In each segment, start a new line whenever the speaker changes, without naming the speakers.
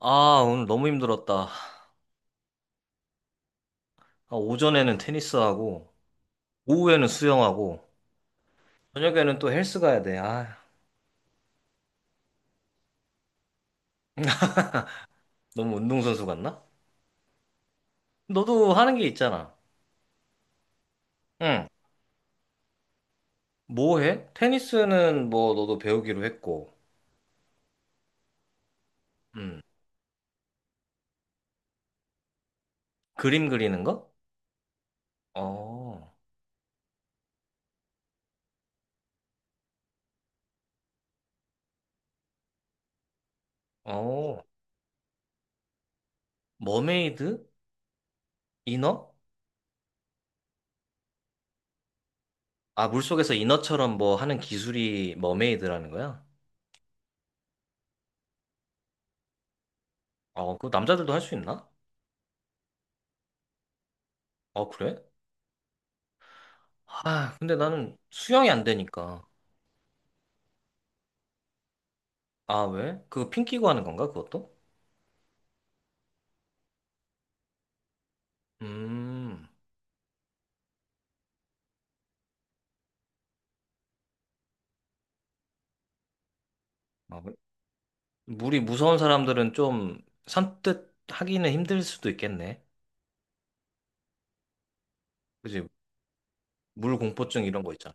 아, 오늘 너무 힘들었다. 아, 오전에는 테니스하고, 오후에는 수영하고, 저녁에는 또 헬스 가야 돼. 아, 너무 운동선수 같나? 너도 하는 게 있잖아. 응. 뭐 해? 테니스는 뭐 너도 배우기로 했고, 응. 그림 그리는 거? 어, 어, 머메이드? 이너? 아, 물속에서 이너처럼 뭐 하는 기술이 머메이드라는 거야? 어, 그거 남자들도 할 수 있나? 어, 그래? 아, 근데 나는 수영이 안 되니까. 아, 왜? 그거 핀 끼고 하는 건가, 그것도? 음, 아, 그래? 물이 무서운 사람들은 좀 산뜻 하기는 힘들 수도 있겠네. 그지? 물 공포증 이런 거 있잖아.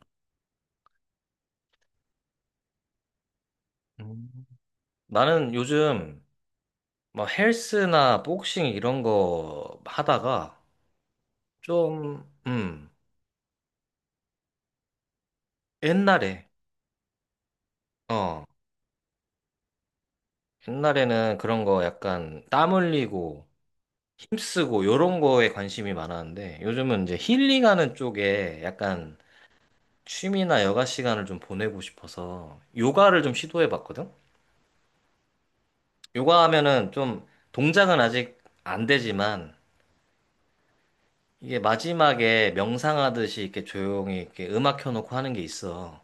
음. 나는 요즘 뭐 헬스나 복싱 이런 거 하다가 좀, 옛날에, 어, 옛날에는 그런 거 약간 땀 흘리고 힘쓰고 요런 거에 관심이 많았는데 요즘은 이제 힐링하는 쪽에 약간 취미나 여가 시간을 좀 보내고 싶어서 요가를 좀 시도해 봤거든? 요가 하면은 좀 동작은 아직 안 되지만 이게 마지막에 명상하듯이 이렇게 조용히 이렇게 음악 켜놓고 하는 게 있어.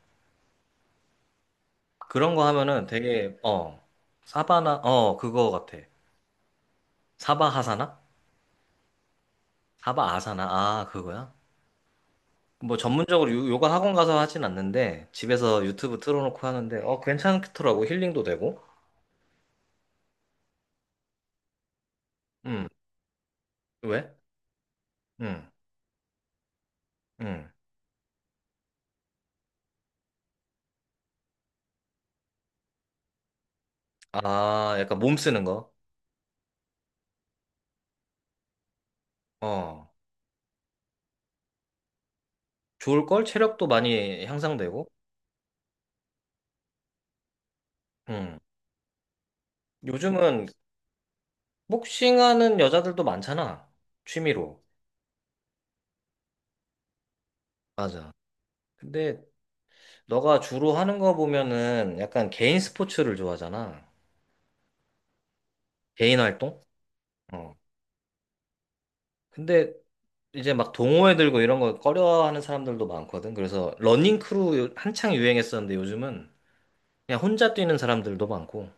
그런 거 하면은 되게, 어, 사바나, 어, 그거 같아. 사바하사나? 사바아사나? 아, 그거야? 뭐 전문적으로 요가 학원 가서 하진 않는데 집에서 유튜브 틀어놓고 하는데 어, 괜찮더라고. 힐링도 되고. 음, 왜? 음, 음. 아, 약간 몸 쓰는 거. 어, 좋을걸? 체력도 많이 향상되고. 음. 요즘은 복싱하는 여자들도 많잖아. 취미로. 맞아. 근데 너가 주로 하는 거 보면은 약간 개인 스포츠를 좋아하잖아. 개인 활동? 어. 근데 이제 막 동호회 들고 이런 거 꺼려하는 사람들도 많거든. 그래서 러닝 크루 한창 유행했었는데 요즘은 그냥 혼자 뛰는 사람들도 많고.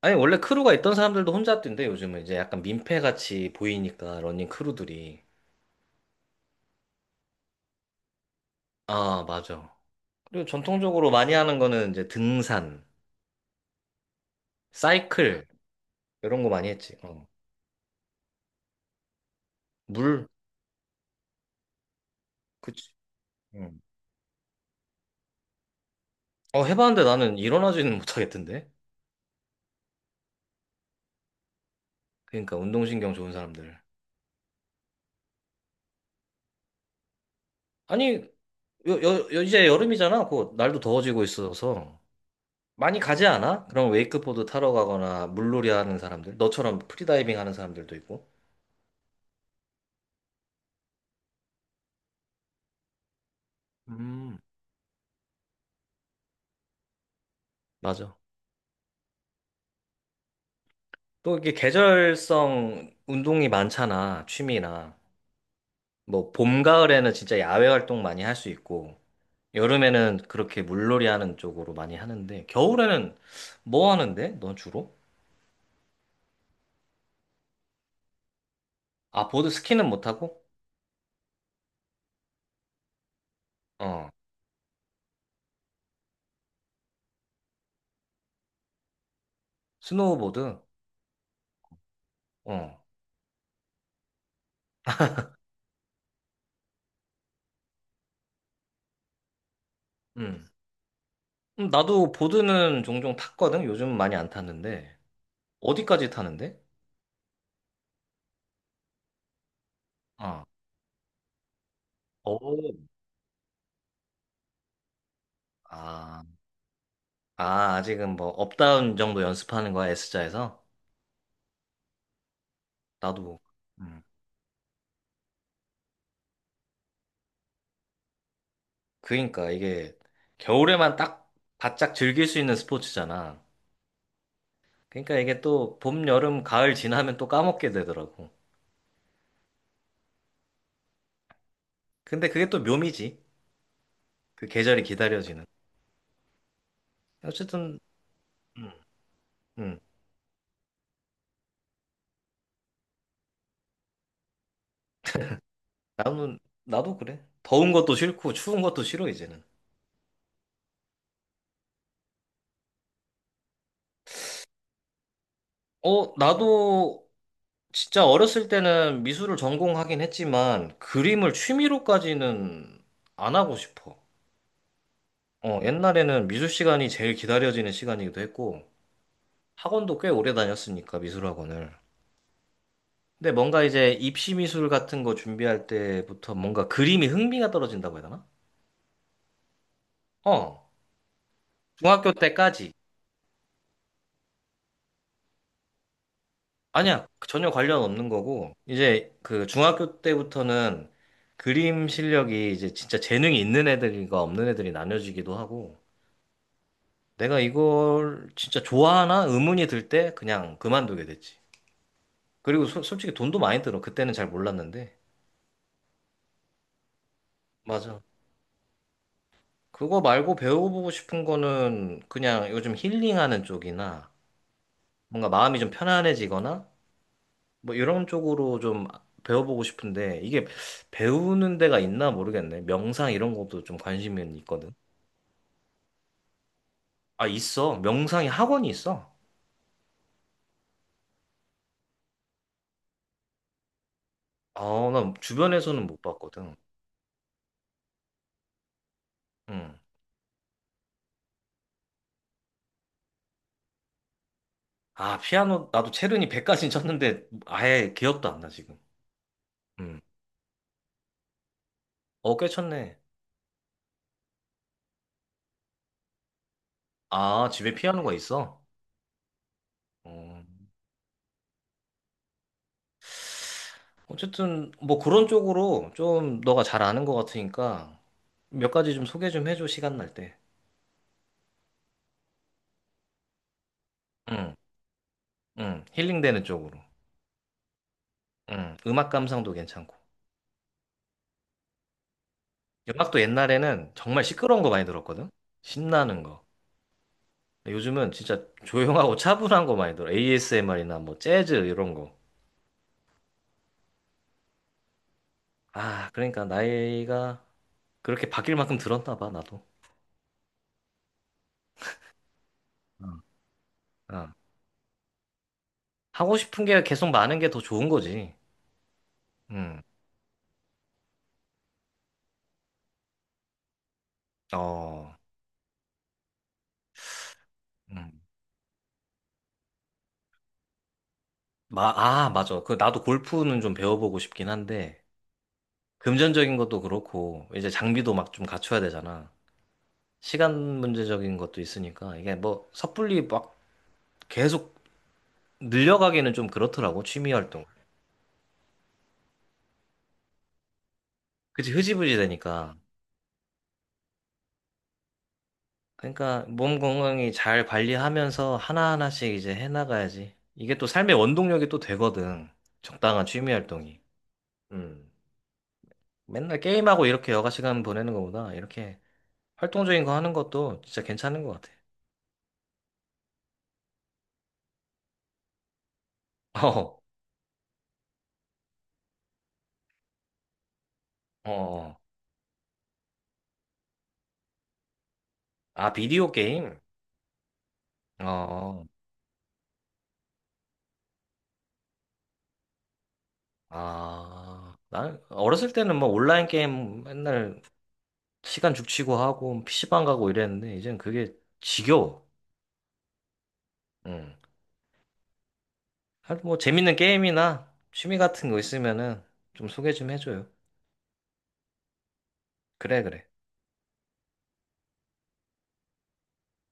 아니, 원래 크루가 있던 사람들도 혼자 뛴대, 요즘은. 이제 약간 민폐같이 보이니까, 러닝 크루들이. 아, 맞아. 그리고 전통적으로 많이 하는 거는 이제 등산, 사이클, 이런 거 많이 했지. 어. 물, 그치. 응. 어, 해봤는데 나는 일어나지는 못하겠던데? 그러니까 운동신경 좋은 사람들. 아니, 이제 여름이잖아. 곧 날도 더워지고 있어서. 많이 가지 않아? 그럼 웨이크보드 타러 가거나 물놀이 하는 사람들, 너처럼 프리다이빙 하는 사람들도 있고. 음, 맞아. 또 이게 계절성 운동이 많잖아, 취미나. 뭐, 봄, 가을에는 진짜 야외 활동 많이 할 수 있고, 여름에는 그렇게 물놀이 하는 쪽으로 많이 하는데, 겨울에는 뭐 하는데? 넌 주로? 아, 보드 스키는 못하고? 어, 스노우보드? 어, 음. 나도 보드는 종종 탔거든? 요즘 많이 안 탔는데. 어디까지 타는데? 어. 오. 아, 아, 아직은 뭐, 업다운 정도 연습하는 거야, S자에서? 나도. 음. 그러니까 이게 겨울에만 딱 바짝 즐길 수 있는 스포츠잖아. 그러니까 이게 또 봄, 여름, 가을 지나면 또 까먹게 되더라고. 근데 그게 또 묘미지. 그 계절이 기다려지는. 어쨌든, 음, 음. 나도 그래. 더운 것도 싫고 추운 것도 싫어, 이제는. 어, 나도 진짜 어렸을 때는 미술을 전공하긴 했지만 그림을 취미로까지는 안 하고 싶어. 어, 옛날에는 미술 시간이 제일 기다려지는 시간이기도 했고, 학원도 꽤 오래 다녔으니까 미술학원을. 근데 뭔가 이제 입시 미술 같은 거 준비할 때부터 뭔가 그림이 흥미가 떨어진다고 해야 되나? 어, 중학교 때까지. 아니야, 전혀 관련 없는 거고, 이제 그 중학교 때부터는 그림 실력이 이제 진짜 재능이 있는 애들과 없는 애들이 나뉘어지기도 하고, 내가 이걸 진짜 좋아하나 의문이 들 때 그냥 그만두게 됐지. 그리고 솔직히 돈도 많이 들어. 그때는 잘 몰랐는데. 맞아. 그거 말고 배워보고 싶은 거는 그냥 요즘 힐링하는 쪽이나 뭔가 마음이 좀 편안해지거나 뭐 이런 쪽으로 좀 배워보고 싶은데 이게 배우는 데가 있나 모르겠네. 명상 이런 것도 좀 관심이 있거든. 아, 있어. 명상이 학원이 있어. 아, 난 주변에서는 못 봤거든. 응. 아, 피아노 나도 체르니 100까지 쳤는데 아예 기억도 안 나 지금. 응. 어, 꽤 쳤네. 아, 집에 피아노가 있어? 어. 어쨌든 뭐 그런 쪽으로 좀 너가 잘 아는 것 같으니까 몇 가지 좀 소개 좀 해줘 시간 날 때. 응, 응, 힐링되는 쪽으로. 응, 음악 감상도 괜찮고. 음악도 옛날에는 정말 시끄러운 거 많이 들었거든. 신나는 거. 근데 요즘은 진짜 조용하고 차분한 거 많이 들어. ASMR이나 뭐 재즈 이런 거. 아, 그러니까 나이가 그렇게 바뀔 만큼 들었나 봐 나도. 어. 어. 하고 싶은 게 계속 많은 게 더 좋은 거지. 응, 어, 응. 맞아. 그, 나도 골프는 좀 배워보고 싶긴 한데, 금전적인 것도 그렇고, 이제 장비도 막 좀 갖춰야 되잖아. 시간 문제적인 것도 있으니까, 이게 뭐, 섣불리 막 계속 늘려가기는 좀 그렇더라고, 취미 활동. 그치, 흐지부지 되니까. 그러니까, 몸 건강히 잘 관리하면서 하나하나씩 이제 해나가야지. 이게 또 삶의 원동력이 또 되거든. 적당한 취미 활동이. 음. 맨날 게임하고 이렇게 여가 시간 보내는 것보다, 이렇게 활동적인 거 하는 것도 진짜 괜찮은 것 같아. 어, 어, 어. 아, 비디오 게임? 어, 아, 난 어렸을 때는 뭐 온라인 게임 맨날 시간 죽치고 하고 PC방 가고 이랬는데, 이젠 그게 지겨워. 응. 하여튼 뭐 재밌는 게임이나 취미 같은 거 있으면은 좀 소개 좀 해줘요. 그래, 그래.